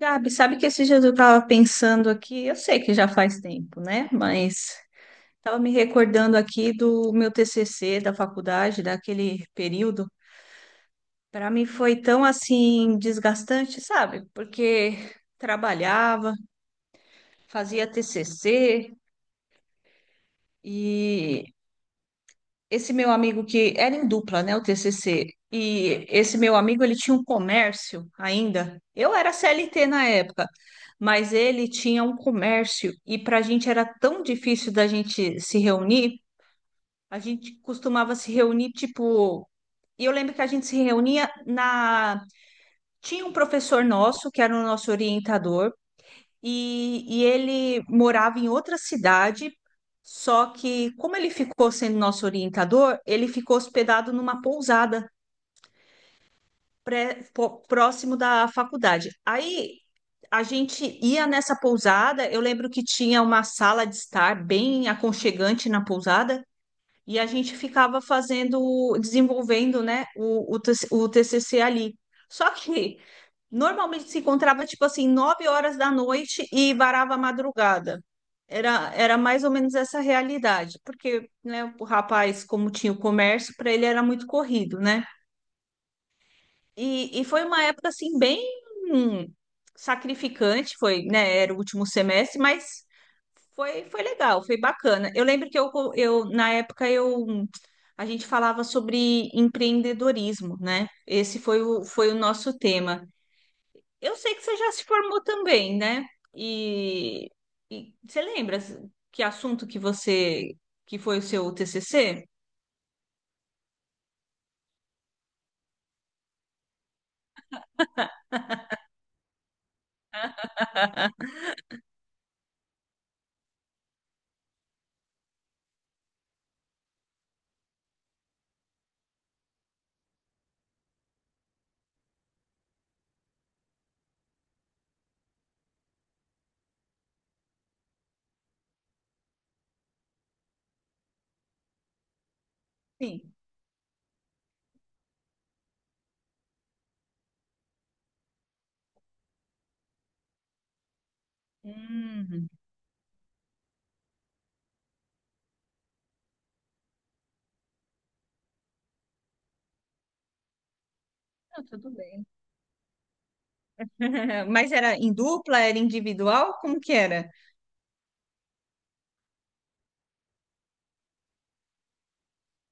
Gabi, sabe que esse dias eu estava pensando aqui, eu sei que já faz tempo, né? Mas estava me recordando aqui do meu TCC da faculdade, daquele período. Para mim foi tão assim desgastante, sabe? Porque trabalhava, fazia TCC esse meu amigo que era em dupla, né, o TCC, e esse meu amigo ele tinha um comércio ainda. Eu era CLT na época, mas ele tinha um comércio e para a gente era tão difícil da gente se reunir. A gente costumava se reunir tipo e eu lembro que a gente se reunia na. Tinha um professor nosso, que era o nosso orientador, e ele morava em outra cidade, só que como ele ficou sendo nosso orientador, ele ficou hospedado numa pousada próximo da faculdade. Aí a gente ia nessa pousada, eu lembro que tinha uma sala de estar bem aconchegante na pousada. E a gente ficava fazendo, desenvolvendo, né, o TC o TCC ali. Só que normalmente se encontrava tipo assim, 9 horas da noite e varava a madrugada. Era mais ou menos essa realidade, porque né, o rapaz, como tinha o comércio, para ele era muito corrido, né? E foi uma época assim bem hum, sacrificante, foi, né? Era o último semestre, mas foi legal, foi bacana. Eu lembro que eu na época eu a gente falava sobre empreendedorismo, né? Esse foi o nosso tema. Eu sei que você já se formou também, né? E, e você lembra que assunto que foi o seu TCC? Sim. Hum, não, tudo bem. Mas era em dupla, era individual? Como que era?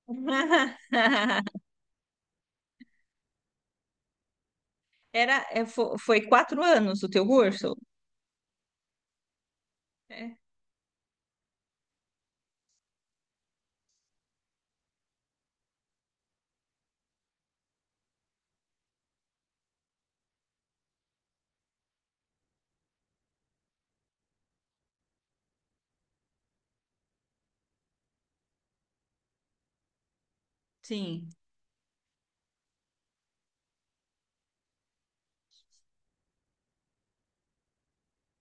Foi 4 anos o teu curso? É, sim.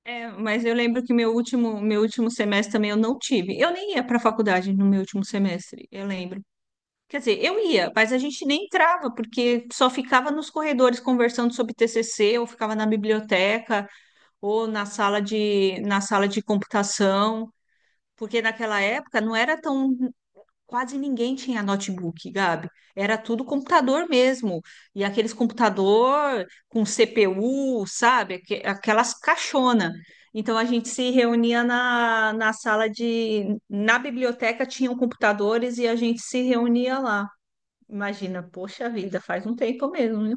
É, mas eu lembro que meu último semestre também eu não tive. Eu nem ia para a faculdade no meu último semestre, eu lembro. Quer dizer, eu ia, mas a gente nem entrava, porque só ficava nos corredores conversando sobre TCC, ou ficava na biblioteca, ou na sala de computação, porque naquela época não era tão. Quase ninguém tinha notebook, Gabi. Era tudo computador mesmo. E aqueles computador com CPU, sabe? Aquelas caixona. Então a gente se reunia na sala de. Na biblioteca tinham computadores e a gente se reunia lá. Imagina, poxa vida, faz um tempo mesmo, né?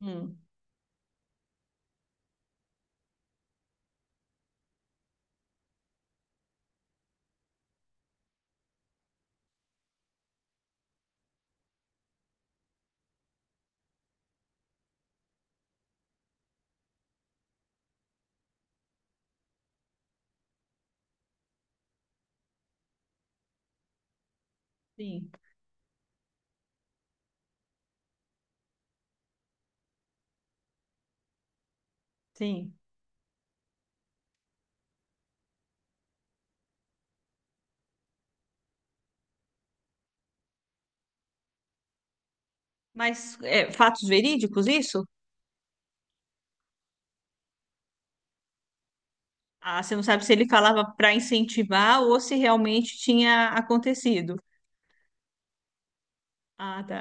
Hum, sim, sim. Mas é, fatos verídicos, isso? Ah, você não sabe se ele falava para incentivar ou se realmente tinha acontecido. Ah, tá.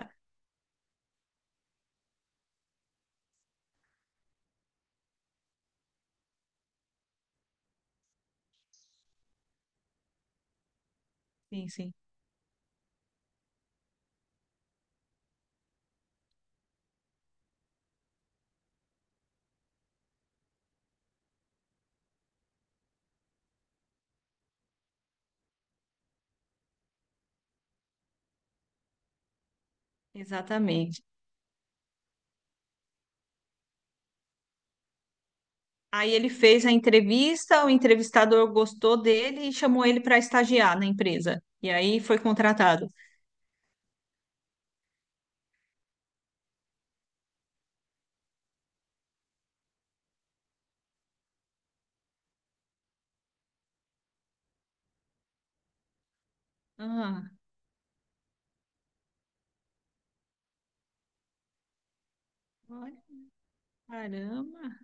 Sim, sim. Exatamente. Aí ele fez a entrevista, o entrevistador gostou dele e chamou ele para estagiar na empresa. E aí foi contratado. Ah, olha, caramba.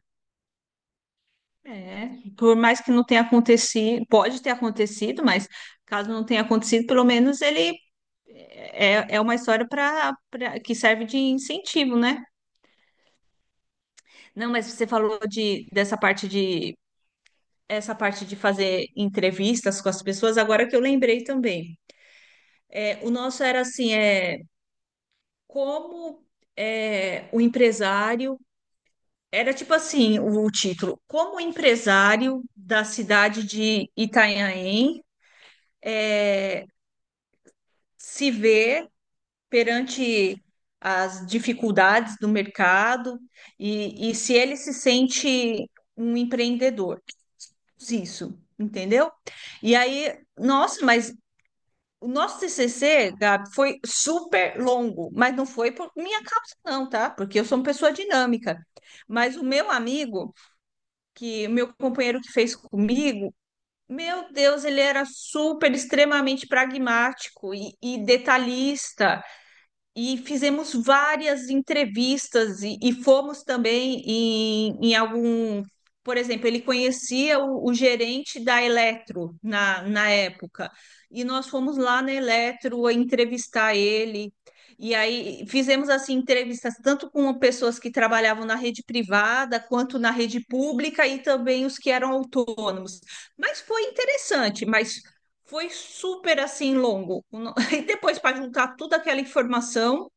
É, por mais que não tenha acontecido, pode ter acontecido, mas caso não tenha acontecido, pelo menos ele é uma história para que serve de incentivo, né? Não, mas você falou dessa parte de essa parte de fazer entrevistas com as pessoas, agora que eu lembrei também. É, o nosso era assim, é como é, o empresário era tipo assim, o título, como o empresário da cidade de Itanhaém é, se ver perante as dificuldades do mercado e se ele se sente um empreendedor. Isso, entendeu? E aí, nossa, mas o nosso TCC, Gabi, foi super longo, mas não foi por minha causa, não, tá? Porque eu sou uma pessoa dinâmica. Mas o meu amigo, que o meu companheiro que fez comigo, meu Deus, ele era super, extremamente pragmático e detalhista. E fizemos várias entrevistas e fomos também em algum. Por exemplo, ele conhecia o gerente da Eletro na época, e nós fomos lá na Eletro entrevistar ele. E aí fizemos assim entrevistas tanto com pessoas que trabalhavam na rede privada quanto na rede pública e também os que eram autônomos. Mas foi interessante, mas foi super assim longo. E depois para juntar toda aquela informação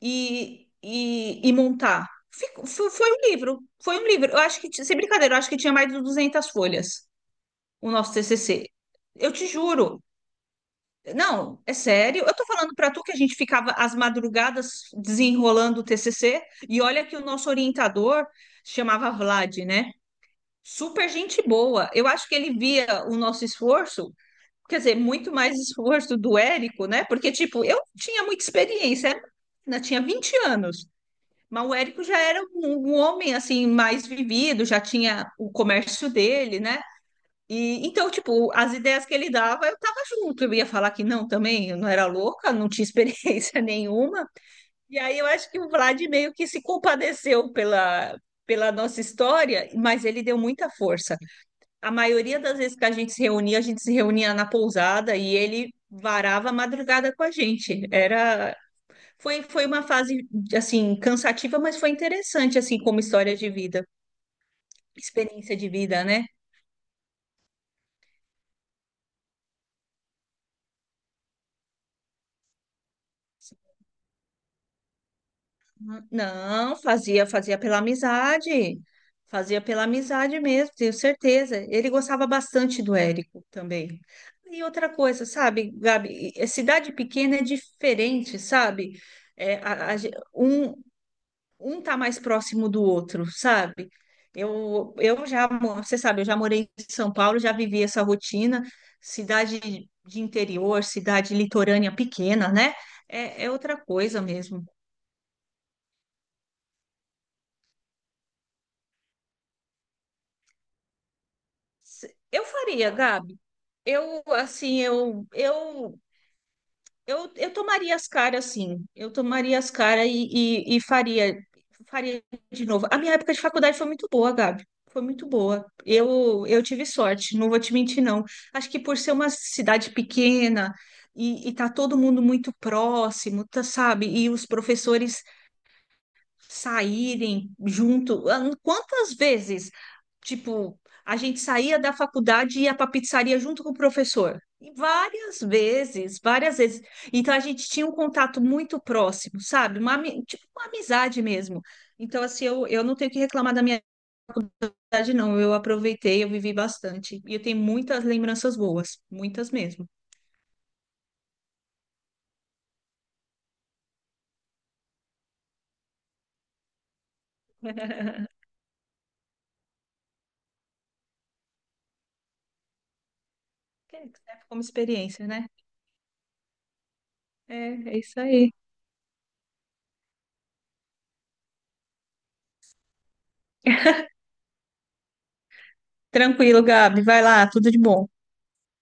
e montar. Foi um livro, foi um livro. Eu acho que, sem brincadeira, eu acho que tinha mais de 200 folhas o nosso TCC. Eu te juro. Não, é sério. Eu tô falando para tu que a gente ficava às madrugadas desenrolando o TCC e olha que o nosso orientador se chamava Vlad, né? Super gente boa. Eu acho que ele via o nosso esforço, quer dizer, muito mais esforço do Érico, né? Porque, tipo, eu tinha muita experiência, né? Tinha 20 anos, mas o Érico já era um homem, assim, mais vivido, já tinha o comércio dele, né? E, então, tipo, as ideias que ele dava, eu tava junto. Eu ia falar que não também, eu não era louca, não tinha experiência nenhuma. E aí eu acho que o Vlad meio que se compadeceu pela nossa história, mas ele deu muita força a maioria das vezes que a gente se reunia, a gente se reunia na pousada e ele varava a madrugada com a gente. Era foi foi uma fase assim cansativa, mas foi interessante assim como história de vida, experiência de vida, né? Não, fazia pela amizade. Fazia pela amizade mesmo, tenho certeza. Ele gostava bastante do Érico também. E outra coisa, sabe, Gabi, é, cidade pequena é diferente, sabe? É, um tá mais próximo do outro, sabe? Eu já, você sabe, eu já morei em São Paulo, já vivi essa rotina, cidade de interior, cidade litorânea pequena, né? É outra coisa mesmo. Eu faria, Gabi. Eu, assim, eu tomaria as caras, sim. Eu tomaria as caras e faria de novo. A minha época de faculdade foi muito boa, Gabi. Foi muito boa. Eu tive sorte, não vou te mentir, não. Acho que por ser uma cidade pequena e tá todo mundo muito próximo, tá, sabe? E os professores saírem junto. Ah, Quantas vezes tipo, a gente saía da faculdade e ia para pizzaria junto com o professor. E várias vezes, várias vezes. Então a gente tinha um contato muito próximo, sabe? Tipo uma amizade mesmo. Então, assim, eu não tenho que reclamar da minha idade, não. Eu aproveitei, eu vivi bastante. E eu tenho muitas lembranças boas, muitas mesmo. Que serve como experiência, né? É, é isso aí. Tranquilo, Gabi. Vai lá, tudo de bom.